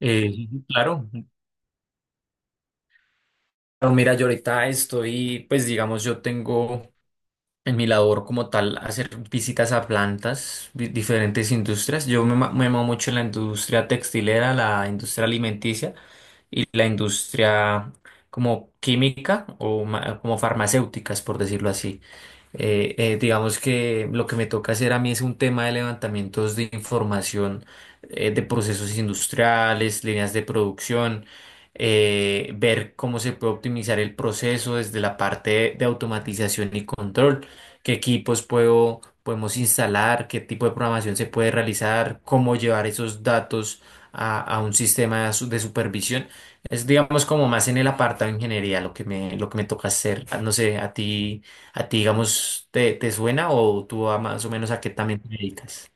Claro, Claro, mira, yo ahorita estoy, pues digamos, yo tengo en mi labor como tal hacer visitas a plantas, diferentes industrias. Yo me muevo mucho en la industria textilera, la industria alimenticia y la industria como química o como farmacéuticas, por decirlo así. Digamos que lo que me toca hacer a mí es un tema de levantamientos de información de procesos industriales, líneas de producción, ver cómo se puede optimizar el proceso desde la parte de automatización y control, qué equipos podemos instalar, qué tipo de programación se puede realizar, cómo llevar esos datos a un sistema de supervisión. Es, digamos, como más en el apartado de ingeniería lo lo que me toca hacer. No sé, a ti. ¿A ti, digamos, te suena o tú a más o menos a qué también te dedicas?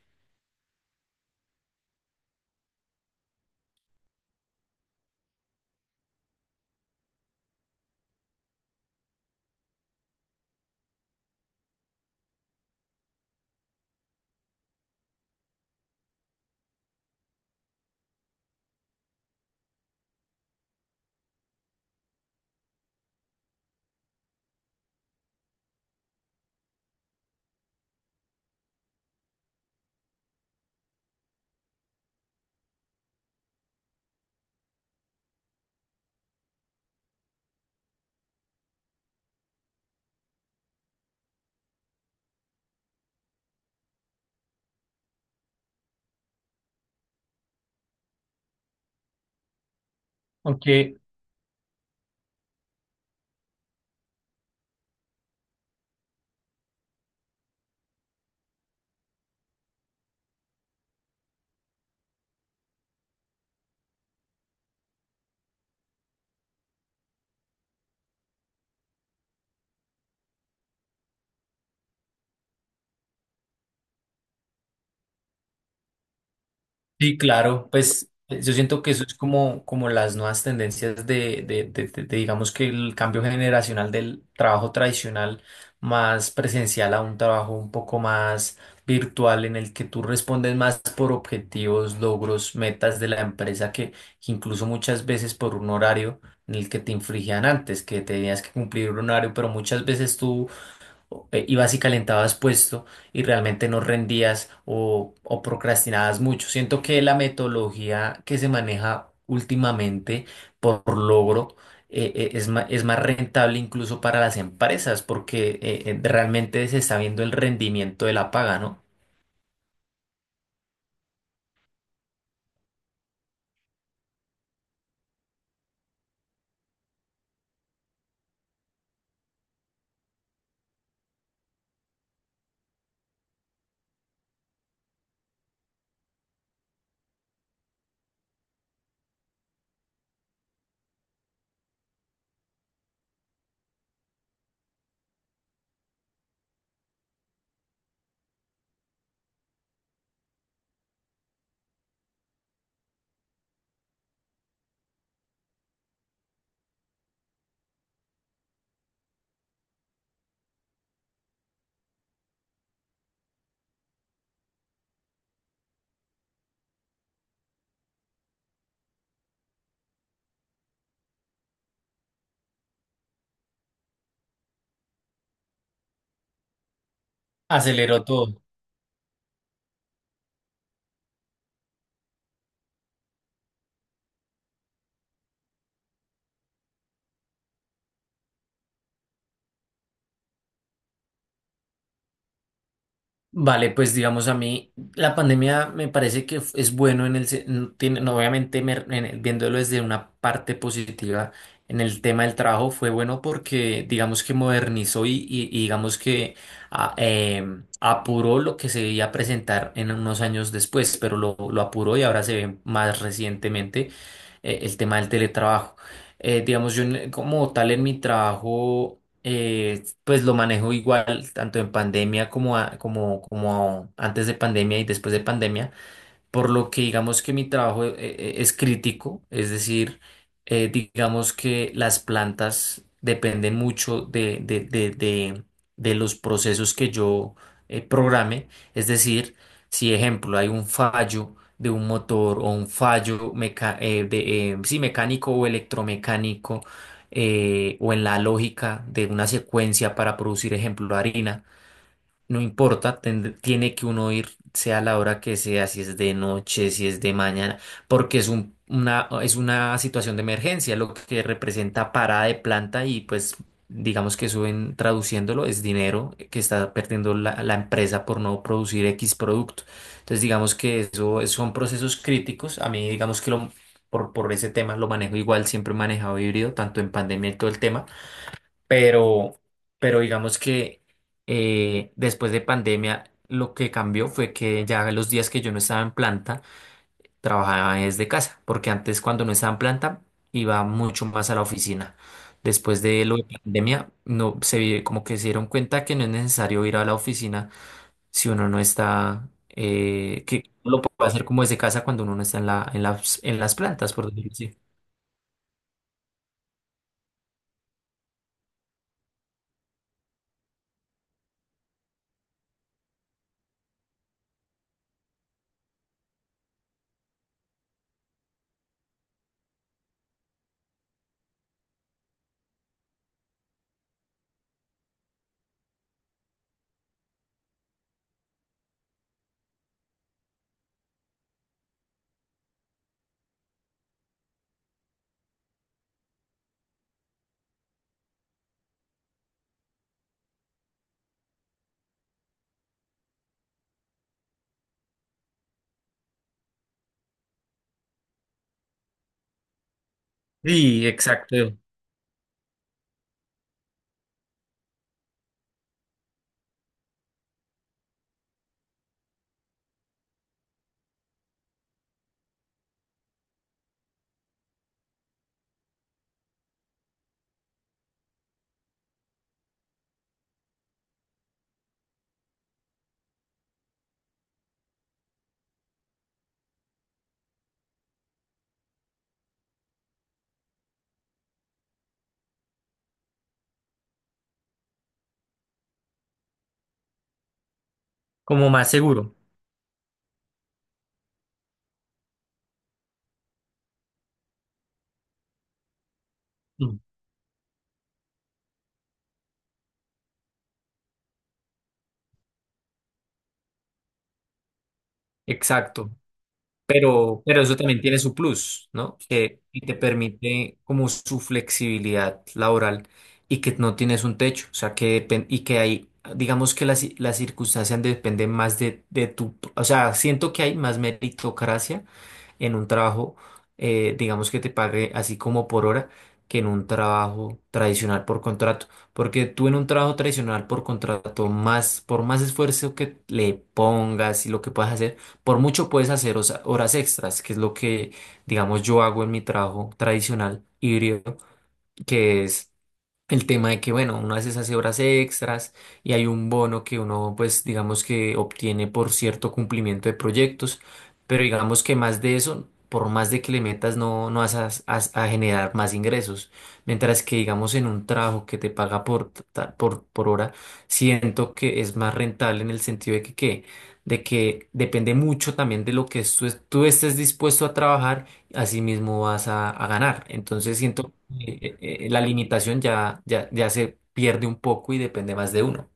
Aunque sí, claro, pues yo siento que eso es como, como las nuevas tendencias de, digamos que el cambio generacional del trabajo tradicional más presencial a un trabajo un poco más virtual en el que tú respondes más por objetivos, logros, metas de la empresa que incluso muchas veces por un horario en el que te infringían antes, que tenías que cumplir un horario, pero muchas veces tú ibas y calentabas puesto y realmente no rendías o procrastinabas mucho. Siento que la metodología que se maneja últimamente por logro, es es más rentable incluso para las empresas porque realmente se está viendo el rendimiento de la paga, ¿no? Aceleró todo. Vale, pues digamos a mí, la pandemia me parece que es bueno en el, no, obviamente viéndolo desde una parte positiva en el tema del trabajo fue bueno porque digamos que modernizó y digamos que apuró lo que se iba a presentar en unos años después, pero lo apuró y ahora se ve más recientemente, el tema del teletrabajo. Digamos, yo como tal en mi trabajo... pues lo manejo igual, tanto en pandemia como, como antes de pandemia y después de pandemia, por lo que digamos que mi trabajo es crítico, es decir, digamos que las plantas dependen mucho de los procesos que yo, programe, es decir, si ejemplo hay un fallo de un motor o un fallo mecánico o electromecánico, o en la lógica de una secuencia para producir ejemplo harina, no importa, tiene que uno ir, sea la hora que sea, si es de noche, si es de mañana, porque es una situación de emergencia, lo que representa parada de planta y pues digamos que suben traduciéndolo, es dinero que está perdiendo la empresa por no producir X producto. Entonces digamos que son procesos críticos. A mí digamos que lo, por ese tema lo manejo igual, siempre he manejado híbrido, tanto en pandemia y todo el tema. Pero, pero digamos que después de pandemia lo que cambió fue que ya los días que yo no estaba en planta, trabajaba desde casa, porque antes cuando no estaba en planta iba mucho más a la oficina. Después de lo de pandemia, no como que se dieron cuenta que no es necesario ir a la oficina si uno no está, que lo puede hacer como desde casa cuando uno no está en en las plantas, por decirlo así. Sí, exacto. Como más seguro. Mm. Exacto. Pero eso también tiene su plus, ¿no? Que y te permite como su flexibilidad laboral y que no tienes un techo, o sea, que y que hay, digamos que las circunstancias dependen más de tu, o sea, siento que hay más meritocracia en un trabajo, digamos que te pague así como por hora, que en un trabajo tradicional por contrato. Porque tú en un trabajo tradicional por contrato, más, por más esfuerzo que le pongas y lo que puedas hacer, por mucho puedes hacer horas extras, que es lo que, digamos, yo hago en mi trabajo tradicional híbrido, que es el tema de que, bueno, uno a veces hace horas extras y hay un bono que uno, pues, digamos que obtiene por cierto cumplimiento de proyectos, pero digamos que más de eso, por más de que le metas, no, no vas a generar más ingresos. Mientras que, digamos, en un trabajo que te paga por hora, siento que es más rentable en el sentido de que, ¿qué? De que depende mucho también de lo que tú, tú estés dispuesto a trabajar, así mismo vas a ganar. Entonces siento eh, la limitación ya se pierde un poco y depende más de uno.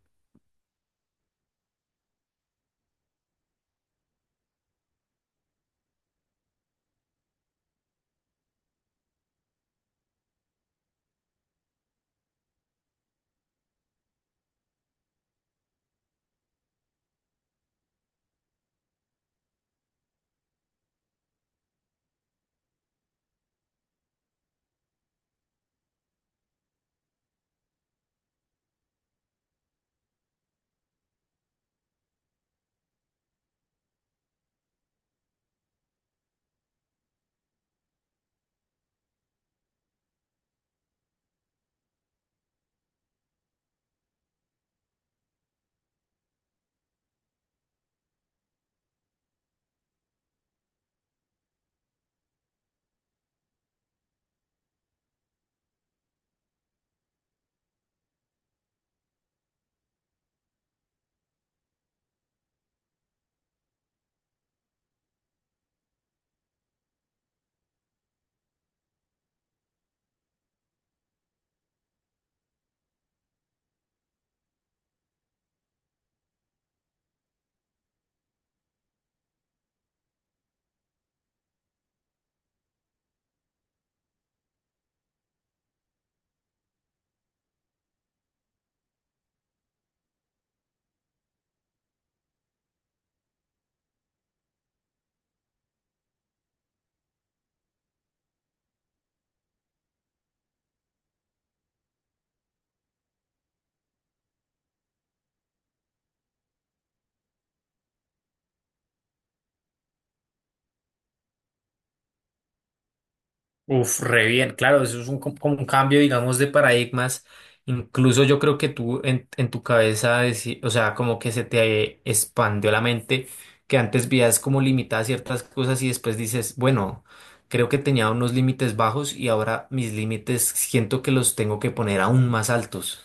Uf, re bien, claro, eso es un, como un cambio, digamos, de paradigmas. Incluso yo creo que tú en tu cabeza, o sea, como que se te expandió la mente, que antes veías como limitadas ciertas cosas y después dices, bueno, creo que tenía unos límites bajos y ahora mis límites siento que los tengo que poner aún más altos.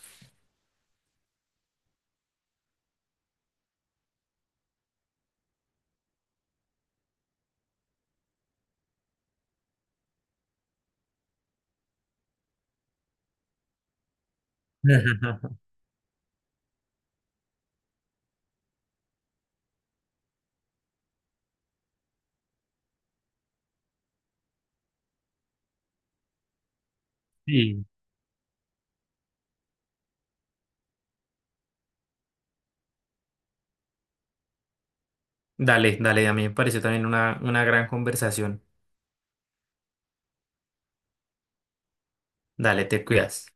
Sí. Dale, dale, a mí me pareció también una gran conversación. Dale, te cuidas.